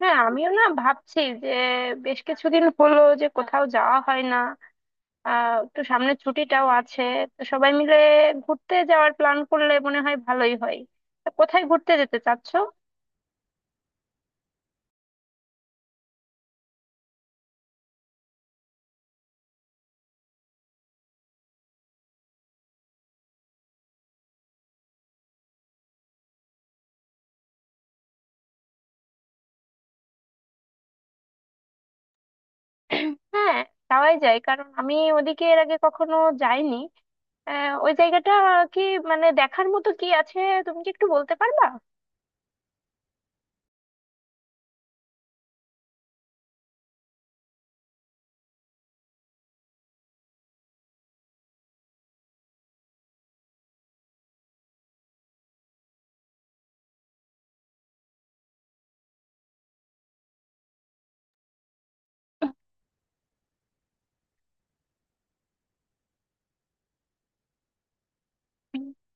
হ্যাঁ, আমিও না ভাবছি যে বেশ কিছুদিন হলো যে কোথাও যাওয়া হয় না। একটু সামনে ছুটিটাও আছে, তো সবাই মিলে ঘুরতে যাওয়ার প্ল্যান করলে মনে হয় ভালোই হয়। তা কোথায় ঘুরতে যেতে চাচ্ছো? হ্যাঁ, যাওয়াই যায় কারণ আমি ওদিকে এর আগে কখনো যাইনি। ওই জায়গাটা কি, মানে দেখার মতো কি আছে? তুমি কি একটু বলতে পারবা?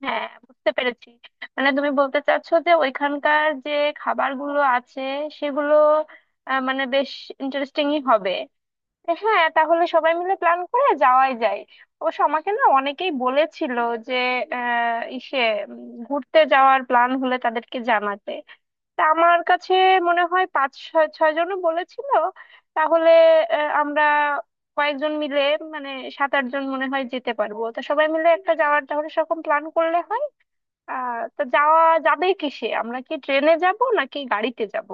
হ্যাঁ, বুঝতে পেরেছি। মানে তুমি বলতে চাচ্ছো যে ওইখানকার যে খাবারগুলো আছে সেগুলো মানে বেশ ইন্টারেস্টিংই হবে। হ্যাঁ, তাহলে সবাই মিলে প্ল্যান করে যাওয়াই যায়। অবশ্য আমাকে না অনেকেই বলেছিল যে আহ ইসে ঘুরতে যাওয়ার প্ল্যান হলে তাদেরকে জানাতে। তা আমার কাছে মনে হয় পাঁচ ছয় ছয় জনও বলেছিল। তাহলে আমরা কয়েকজন মিলে, মানে 7-8 জন মনে হয় যেতে পারবো, তা সবাই মিলে একটা যাওয়ার তাহলে সেরকম প্ল্যান করলে হয়। তা যাওয়া যাবে কিসে, আমরা কি ট্রেনে যাব নাকি গাড়িতে যাব?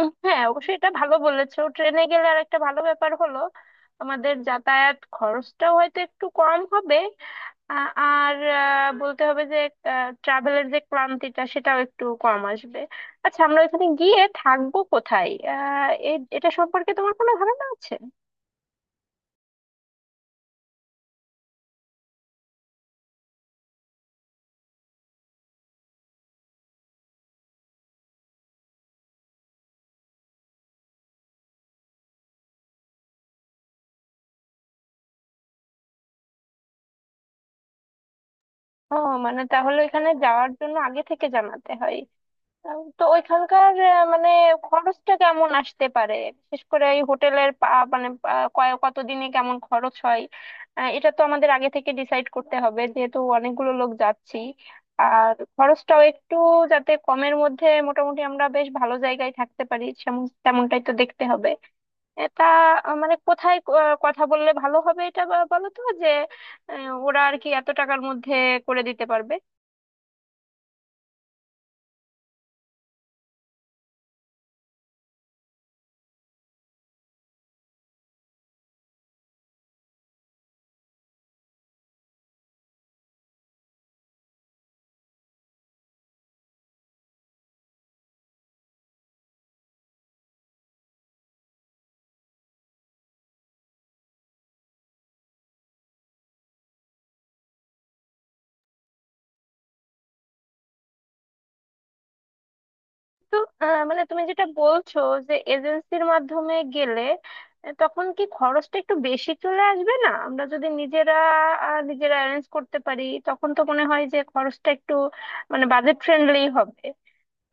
হ্যাঁ, অবশ্যই, এটা ভালো বলেছো। ট্রেনে গেলে আর একটা ভালো ব্যাপার হলো আমাদের যাতায়াত খরচটাও হয়তো একটু কম হবে। আ- আর বলতে হবে যে ট্রাভেলের যে ক্লান্তিটা সেটাও একটু কম আসবে। আচ্ছা, আমরা এখানে গিয়ে থাকবো কোথায়? এটা সম্পর্কে তোমার কোনো ধারণা আছে? ও, মানে তাহলে এখানে যাওয়ার জন্য আগে থেকে জানাতে হয়। তো ওইখানকার মানে খরচটা কেমন আসতে পারে? বিশেষ করে এই হোটেলের মানে, কতদিনে কেমন খরচ হয়? এটা তো আমাদের আগে থেকে ডিসাইড করতে হবে যেহেতু অনেকগুলো লোক যাচ্ছি। আর খরচটাও একটু, যাতে কমের মধ্যে মোটামুটি আমরা বেশ ভালো জায়গায় থাকতে পারি তেমনটাই তো দেখতে হবে। এটা মানে কোথায় কথা বললে ভালো হবে, এটা বলো তো যে ওরা আর কি এত টাকার মধ্যে করে দিতে পারবে? তো মানে তুমি যেটা বলছো, যে এজেন্সির মাধ্যমে গেলে তখন কি খরচটা একটু বেশি চলে আসবে না? আমরা যদি নিজেরা অ্যারেঞ্জ করতে পারি তখন তো মনে হয় যে খরচটা একটু, মানে বাজেট ফ্রেন্ডলি হবে।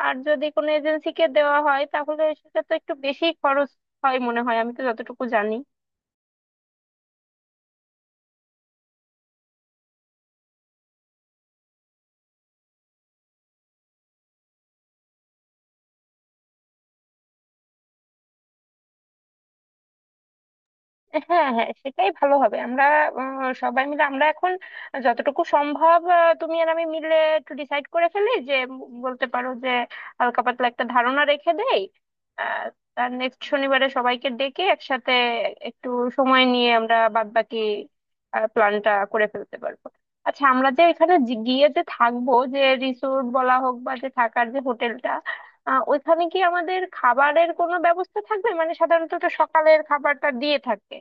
আর যদি কোনো এজেন্সিকে দেওয়া হয় তাহলে সেটা তো একটু বেশি খরচ হয় মনে হয়, আমি তো যতটুকু জানি। হ্যাঁ হ্যাঁ, সেটাই ভালো হবে। আমরা সবাই মিলে আমরা এখন যতটুকু সম্ভব, তুমি আর আমি মিলে একটু ডিসাইড করে ফেলি যে বলতে পারো যে হালকা পাতলা একটা ধারণা রেখে দেই। আহ, আর নেক্সট শনিবারে সবাইকে ডেকে একসাথে একটু সময় নিয়ে আমরা বাদবাকি প্ল্যানটা করে ফেলতে পারবো। আচ্ছা, আমরা যে এখানে গিয়ে যে থাকবো, যে রিসোর্ট বলা হোক বা যে থাকার যে হোটেলটা, ওইখানে কি আমাদের খাবারের কোনো ব্যবস্থা থাকবে? মানে সাধারণত তো সকালের খাবারটা দিয়ে থাকে,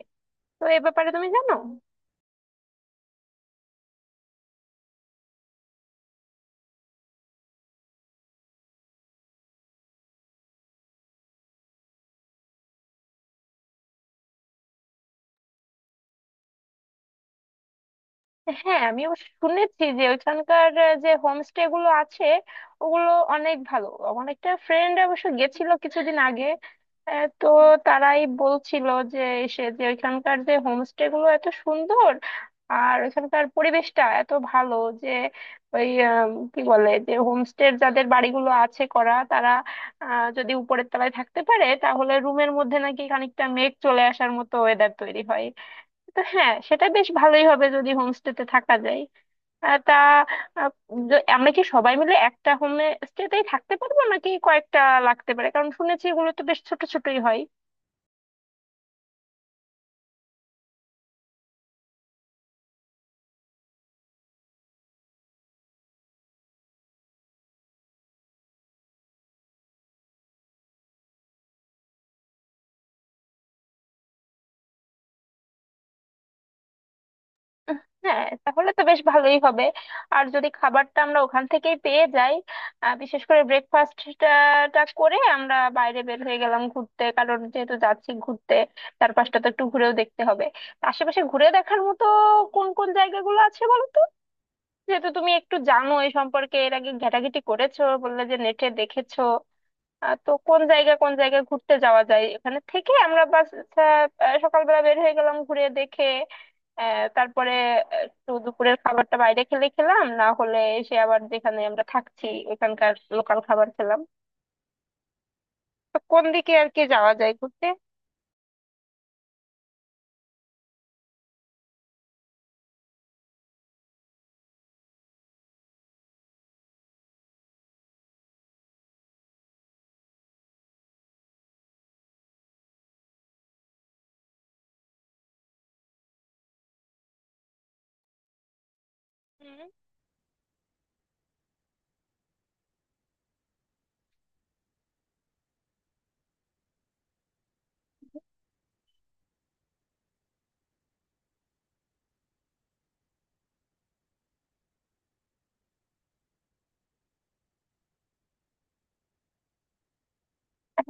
তো এ ব্যাপারে তুমি জানো? হ্যাঁ, আমি অবশ্য শুনেছি যে ওইখানকার যে হোমস্টে গুলো আছে ওগুলো অনেক ভালো। আমার একটা ফ্রেন্ড অবশ্য গেছিল কিছুদিন আগে, তো তারাই বলছিল যে সে যে ওইখানকার যে হোমস্টে গুলো এত সুন্দর আর ওইখানকার পরিবেশটা এত ভালো যে ওই কি বলে, যে হোমস্টের যাদের বাড়িগুলো আছে করা, তারা যদি উপরের তলায় থাকতে পারে তাহলে রুমের মধ্যে নাকি খানিকটা মেঘ চলে আসার মতো ওয়েদার তৈরি হয়। তো হ্যাঁ, সেটা বেশ ভালোই হবে যদি হোমস্টেতে থাকা যায়। তা আহ, আমরা কি সবাই মিলে একটা হোম স্টেতেই থাকতে পারবো নাকি কয়েকটা লাগতে পারে? কারণ শুনেছি এগুলো তো বেশ ছোট ছোটই হয়। উহ, হ্যাঁ, তাহলে তো বেশ ভালোই হবে। আর যদি খাবারটা আমরা ওখান থেকেই পেয়ে যাই, বিশেষ করে ব্রেকফাস্টটা করে আমরা বাইরে বের হয়ে গেলাম ঘুরতে, কারণ যেহেতু যাচ্ছি ঘুরতে, চারপাশটা তো একটু ঘুরেও দেখতে হবে। তা আশেপাশে ঘুরে দেখার মতো কোন কোন জায়গাগুলো আছে বলো তো? যেহেতু তুমি একটু জানো এই সম্পর্কে, এর আগে ঘেটাঘেটি করেছো বললে যে নেটে দেখেছো। তো কোন জায়গা কোন জায়গায় ঘুরতে যাওয়া যায় এখানে থেকে? আমরা বাস সকালবেলা বের হয়ে গেলাম ঘুরে দেখে, তারপরে একটু দুপুরের খাবারটা বাইরে খেলে খেলাম না হলে এসে আবার যেখানে আমরা থাকছি ওখানকার লোকাল খাবার খেলাম। তো কোন দিকে আর কি যাওয়া যায় ঘুরতে?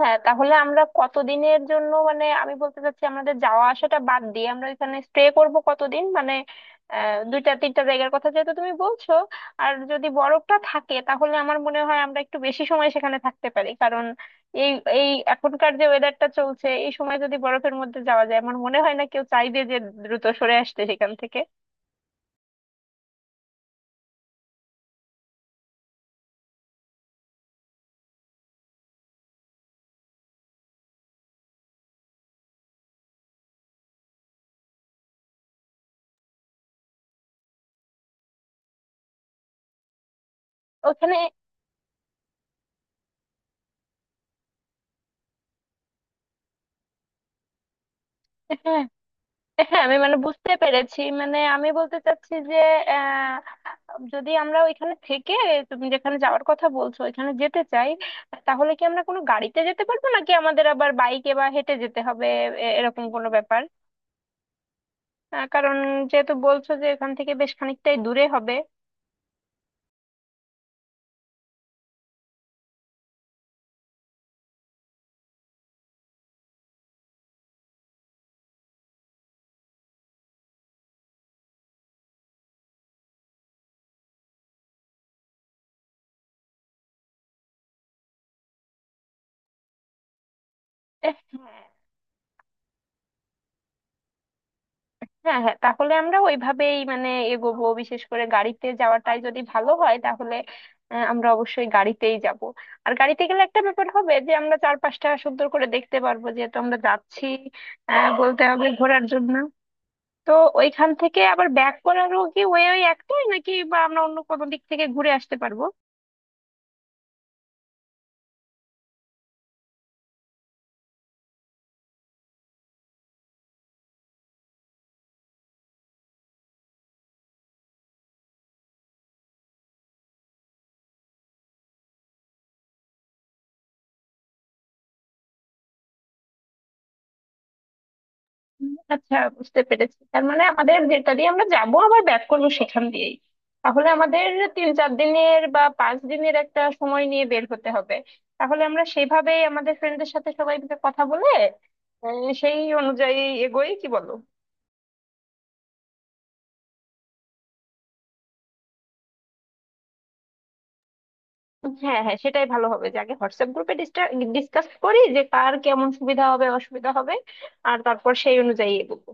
হ্যাঁ, তাহলে আমরা কতদিনের জন্য, মানে আমি বলতে চাচ্ছি আমাদের যাওয়া আসাটা বাদ দিয়ে আমরা এখানে স্টে করব কতদিন, মানে দুইটা তিনটা জায়গার কথা যেহেতু তুমি বলছো। আর যদি বরফটা থাকে তাহলে আমার মনে হয় আমরা একটু বেশি সময় সেখানে থাকতে পারি, কারণ এই এই এখনকার যে ওয়েদারটা চলছে এই সময় যদি বরফের মধ্যে যাওয়া যায় আমার মনে হয় না কেউ চাইবে যে দ্রুত সরে আসতে সেখান থেকে। ওখানে, হ্যাঁ হ্যাঁ, আমি মানে বুঝতে পেরেছি। মানে আমি বলতে চাচ্ছি যে যদি আমরা ওইখানে থেকে তুমি যেখানে যাওয়ার কথা বলছো ওইখানে যেতে চাই, তাহলে কি আমরা কোনো গাড়িতে যেতে পারবো নাকি আমাদের আবার বাইকে বা হেঁটে যেতে হবে? এরকম কোনো ব্যাপার, কারণ যেহেতু বলছো যে এখান থেকে বেশ খানিকটাই দূরে হবে। এহ, হ্যাঁ হ্যাঁ, তাহলে আমরা ওইভাবেই, মানে, এগোবো। বিশেষ করে গাড়িতে যাওয়াটাই যদি ভালো হয় তাহলে আমরা অবশ্যই গাড়িতেই যাব। আর গাড়িতে গেলে একটা ব্যাপার হবে যে আমরা চারপাশটা সুন্দর করে দেখতে পারবো যেহেতু আমরা যাচ্ছি, বলতে হবে, ঘোরার জন্য। তো ওইখান থেকে আবার ব্যাক করারও কি ওই ওই একটাই নাকি বা আমরা অন্য কোনো দিক থেকে ঘুরে আসতে পারবো? হুম। আচ্ছা, বুঝতে পেরেছি। তার মানে আমাদের যেটা দিয়ে আমরা যাব আবার ব্যাক করবো সেখান দিয়েই। তাহলে আমাদের 3-4 দিনের বা 5 দিনের একটা সময় নিয়ে বের হতে হবে। তাহলে আমরা সেভাবেই আমাদের ফ্রেন্ডদের সাথে সবাই মিলে কথা বলে সেই অনুযায়ী এগোই, কি বলো? হ্যাঁ হ্যাঁ, সেটাই ভালো হবে যে আগে হোয়াটসঅ্যাপ গ্রুপে ডিসকাস করি যে কার কেমন সুবিধা হবে, অসুবিধা হবে, আর তারপর সেই অনুযায়ী এগোবো।